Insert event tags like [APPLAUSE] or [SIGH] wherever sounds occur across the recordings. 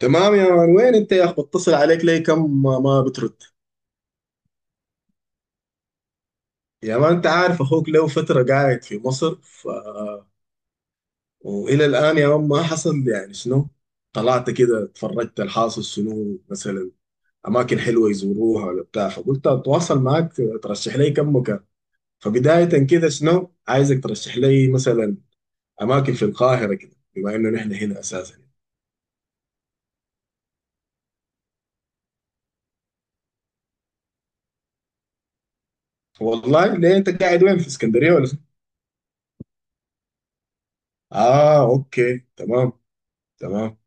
تمام يا مان، وين انت يا اخ؟ بتصل عليك ليه كم ما بترد؟ يا مان، انت عارف اخوك له فترة قاعد في مصر والى الان يا مان، ما حصل يعني شنو. طلعت كده اتفرجت، الحاصل شنو مثلا، اماكن حلوة يزوروها ولا بتاع، فقلت اتواصل معاك. ترشح لي كم مكان. فبداية كده شنو عايزك ترشح لي مثلا، اماكن في القاهرة كده، بما انه نحن هنا اساسا. والله ليه؟ انت قاعد وين، في اسكندرية ولا شنو؟ اه، اوكي، تمام. تمام.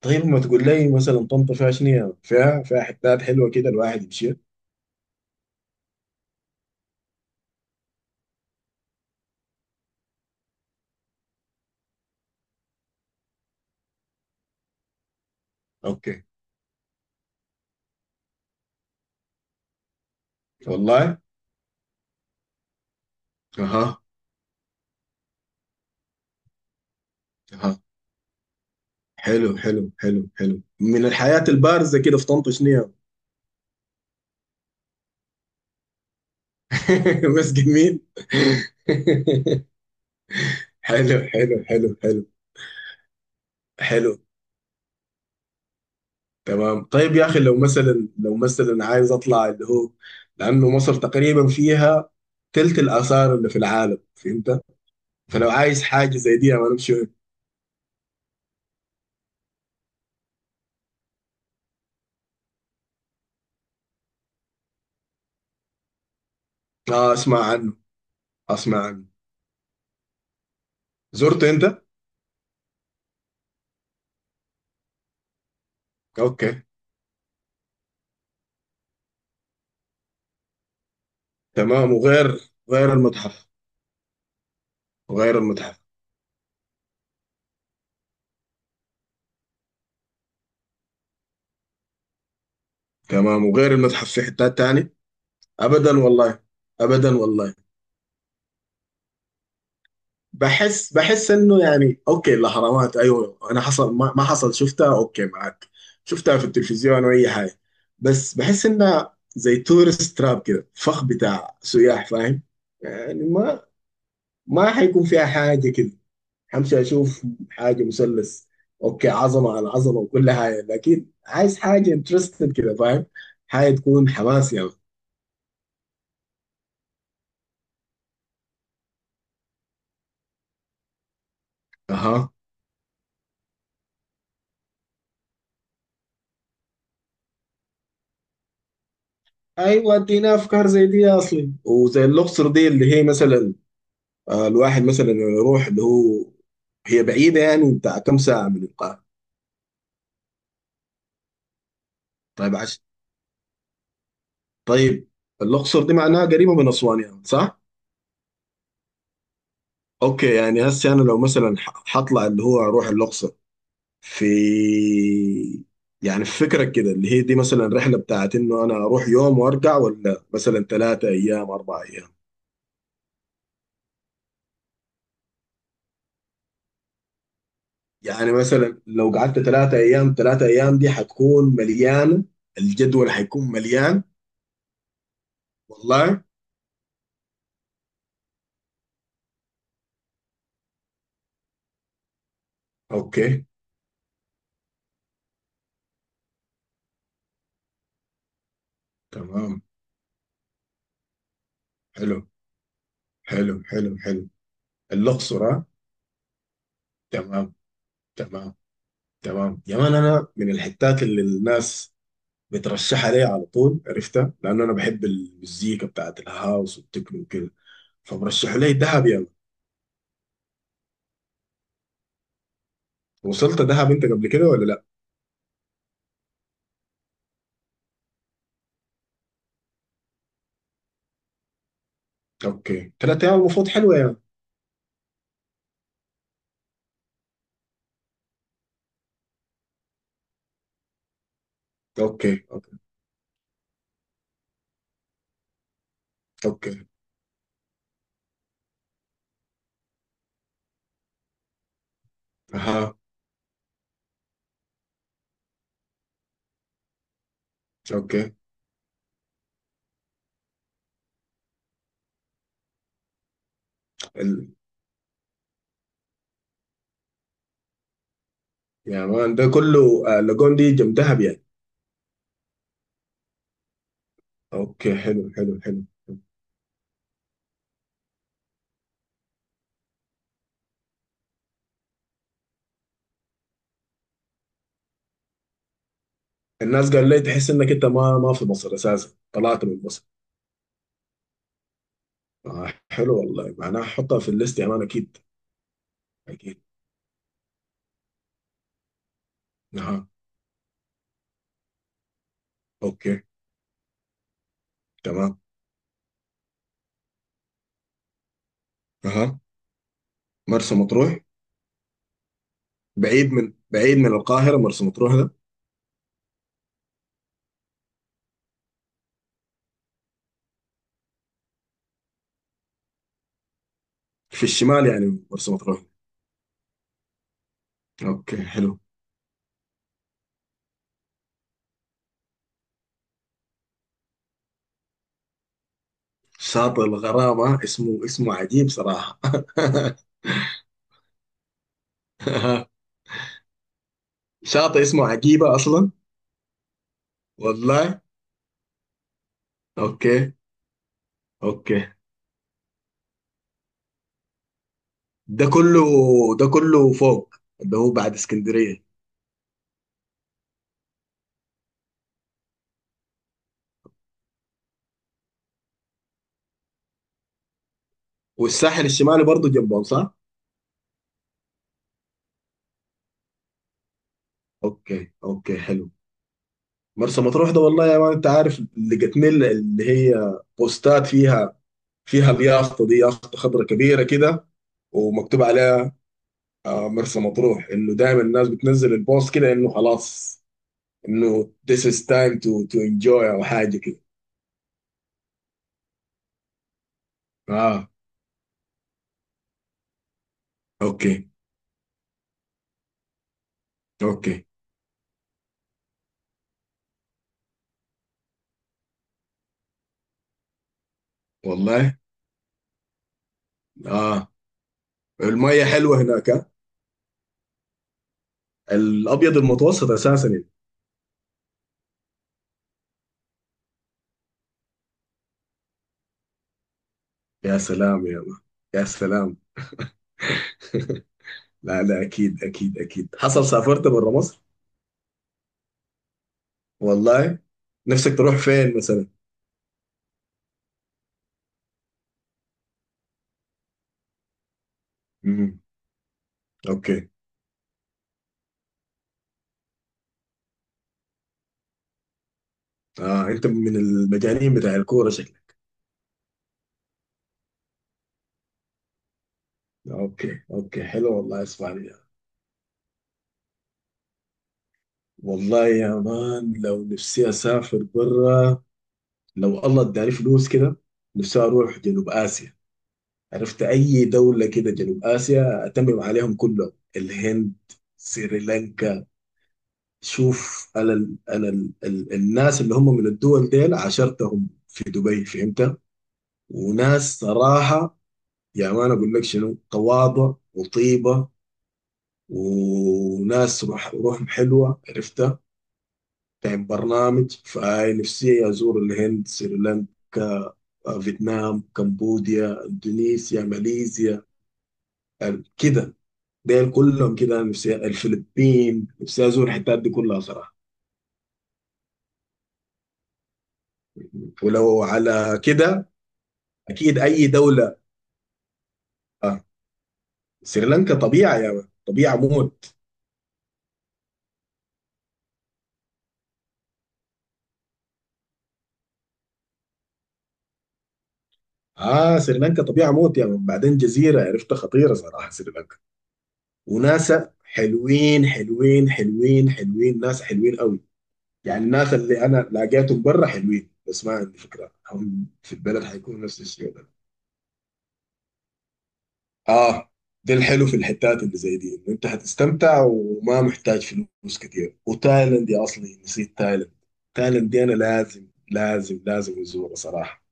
طيب ما تقول لي مثلا طنطا فيها شنو يعني؟ فيها حتات حلوه كده الواحد يمشي. اوكي. والله. اها، اها. حلو، حلو، حلو، حلو. من الحياه البارزه كده في طنطا شنو يعني؟ [LAUGHS] بس جميل. [LAUGHS] حلو، حلو، حلو، حلو، حلو. تمام. طيب يا اخي، لو مثلا عايز اطلع اللي هو، لانه مصر تقريبا فيها تلت الاثار اللي في العالم، فهمت؟ فلو عايز حاجه زي دي، يعني انا امشي وين؟ اه، اسمع عنه. اسمع عنه. زرته انت؟ اوكي. تمام. وغير غير المتحف. وغير المتحف. تمام، وغير المتحف في حتات تاني؟ ابدا والله. ابدا والله. بحس انه يعني اوكي، الاهرامات ايوه، انا حصل ما حصل شفتها اوكي معك. شفتها في التلفزيون واي حاجه. بس بحس انها زي تورست تراب كده، فخ بتاع سياح، فاهم؟ يعني ما حيكون فيها حاجه كده. همشي اشوف. حاجه مثلث. اوكي، عظمه على عظمه وكل حاجه، لكن عايز حاجه انترستد كده، فاهم؟ حاجه تكون حماس يعني. اها. ايوه، ادينا افكار زي دي اصلي، وزي الاقصر دي اللي هي مثلا، الواحد مثلا يروح اللي هو، هي بعيده يعني، بتاع كم ساعه من القاهره؟ طيب طيب. الاقصر دي معناها قريبه من اسوان يعني، صح؟ اوكي، يعني هسه انا لو مثلا حطلع اللي هو اروح الاقصر، في يعني في فكرك كده، اللي هي دي مثلا رحلة بتاعت انه انا اروح يوم وارجع، ولا مثلا 3 ايام 4 ايام؟ يعني مثلا لو قعدت 3 ايام، 3 ايام دي حتكون مليانة، الجدول حيكون مليان. والله. اوكي، تمام. حلو، حلو، حلو، حلو. الاقصر، ها؟ تمام. تمام. تمام يا مان، انا من الحتات اللي الناس بترشحها ليا على طول، عرفتها لان انا بحب المزيكا بتاعت الهاوس والتكنو وكده. فمرشحوا لي دهب يا يعني. وصلت دهب انت قبل كده ولا لا؟ اوكي، 3 ايام المفروض حلوه يعني. اوكي. اوكي. اوكي. اها. اوكي. ال... يا مان ده كله، لاجون دي جنب دهب يعني؟ اوكي، حلو، حلو، حلو. الناس قال لي تحس انك انت ما في مصر اساسا، طلعت من مصر. آه، حلو والله، معناها احطها في الليست يا مان اكيد. اكيد. اها. اوكي. تمام. اها. مرسى مطروح. بعيد من القاهرة مرسى مطروح ده؟ في الشمال يعني مرسى مطروح؟ اوكي، حلو. شاطئ الغرامة، اسمه عجيب صراحة. [LAUGHS] شاطئ اسمه عجيبة اصلا؟ والله. اوكي. اوكي. ده كله، ده كله فوق، اللي هو بعد اسكندرية. والساحل الشمالي برضه جنبهم، صح؟ اوكي، اوكي، حلو. مرسى مطروح ده والله يا مان، انت عارف لقيتني اللي هي بوستات، فيها اليافطة دي، يافطة خضرة كبيرة كده، ومكتوب عليها آه مرسى مطروح، انه دايما الناس بتنزل البوست كده انه خلاص، انه this is time to enjoy او حاجه كده. اه، اوكي، اوكي والله. اه، المية حلوه هناك آه. الابيض المتوسط اساسا يعني. يا سلام يا الله. يا سلام. [LAUGHS] لا، لا، اكيد، اكيد، اكيد. حصل سافرت برا مصر؟ والله. نفسك تروح فين مثلا؟ امم. اوكي. اه، انت من المجانين بتاع الكوره شكلك. اوكي، اوكي، حلو والله. اسمع. والله يا مان، لو نفسي اسافر برا، لو الله اداني فلوس كده، نفسي اروح جنوب اسيا. عرفت؟ اي دولة كده جنوب اسيا اتمم عليهم كلهم. الهند، سريلانكا. شوف، انا ال انا ال ال الناس اللي هم من الدول ديل عاشرتهم في دبي، فهمت؟ وناس صراحة، يا مان اقول لك شنو، تواضع وطيبة. وناس روحهم حلوة، عرفت؟ طيب برنامج فنفسي أزور الهند، سريلانكا، فيتنام، كمبوديا، إندونيسيا، ماليزيا، كده. ديل كلهم كده، أنا نفسي الفلبين، نفسي أزور الحتات دي كلها صراحة. ولو على كده، أكيد أي دولة. آه، سريلانكا طبيعة يا من. طبيعة موت. آه، سريلانكا طبيعة موت يا من. بعدين جزيرة عرفتها خطيرة صراحة، سريلانكا. وناسا حلوين، حلوين، حلوين، حلوين، ناس حلوين قوي. يعني الناس اللي انا لقيتهم برا حلوين، بس ما عندي فكره هم في البلد حيكونوا نفس الشيء ده. اه، ده الحلو في الحتات اللي زي دي، انه انت حتستمتع وما محتاج فلوس كتير. وتايلاند يا اصلي، نسيت تايلاند. تايلاند دي انا لازم، لازم، لازم ازورها صراحه.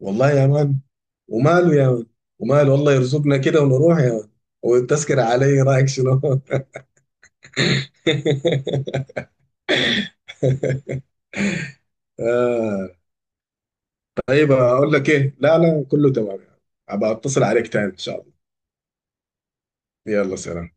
والله يا مان. وماله يا مان. وماله، والله يرزقنا كده ونروح يا مان. والتذكرة علي رايك شنو؟ [LAUGHS] آه. طيب اقول لك ايه، لا، لا، كله تمام يعني. ابقى اتصل عليك تاني ان شاء الله. يلا، سلام.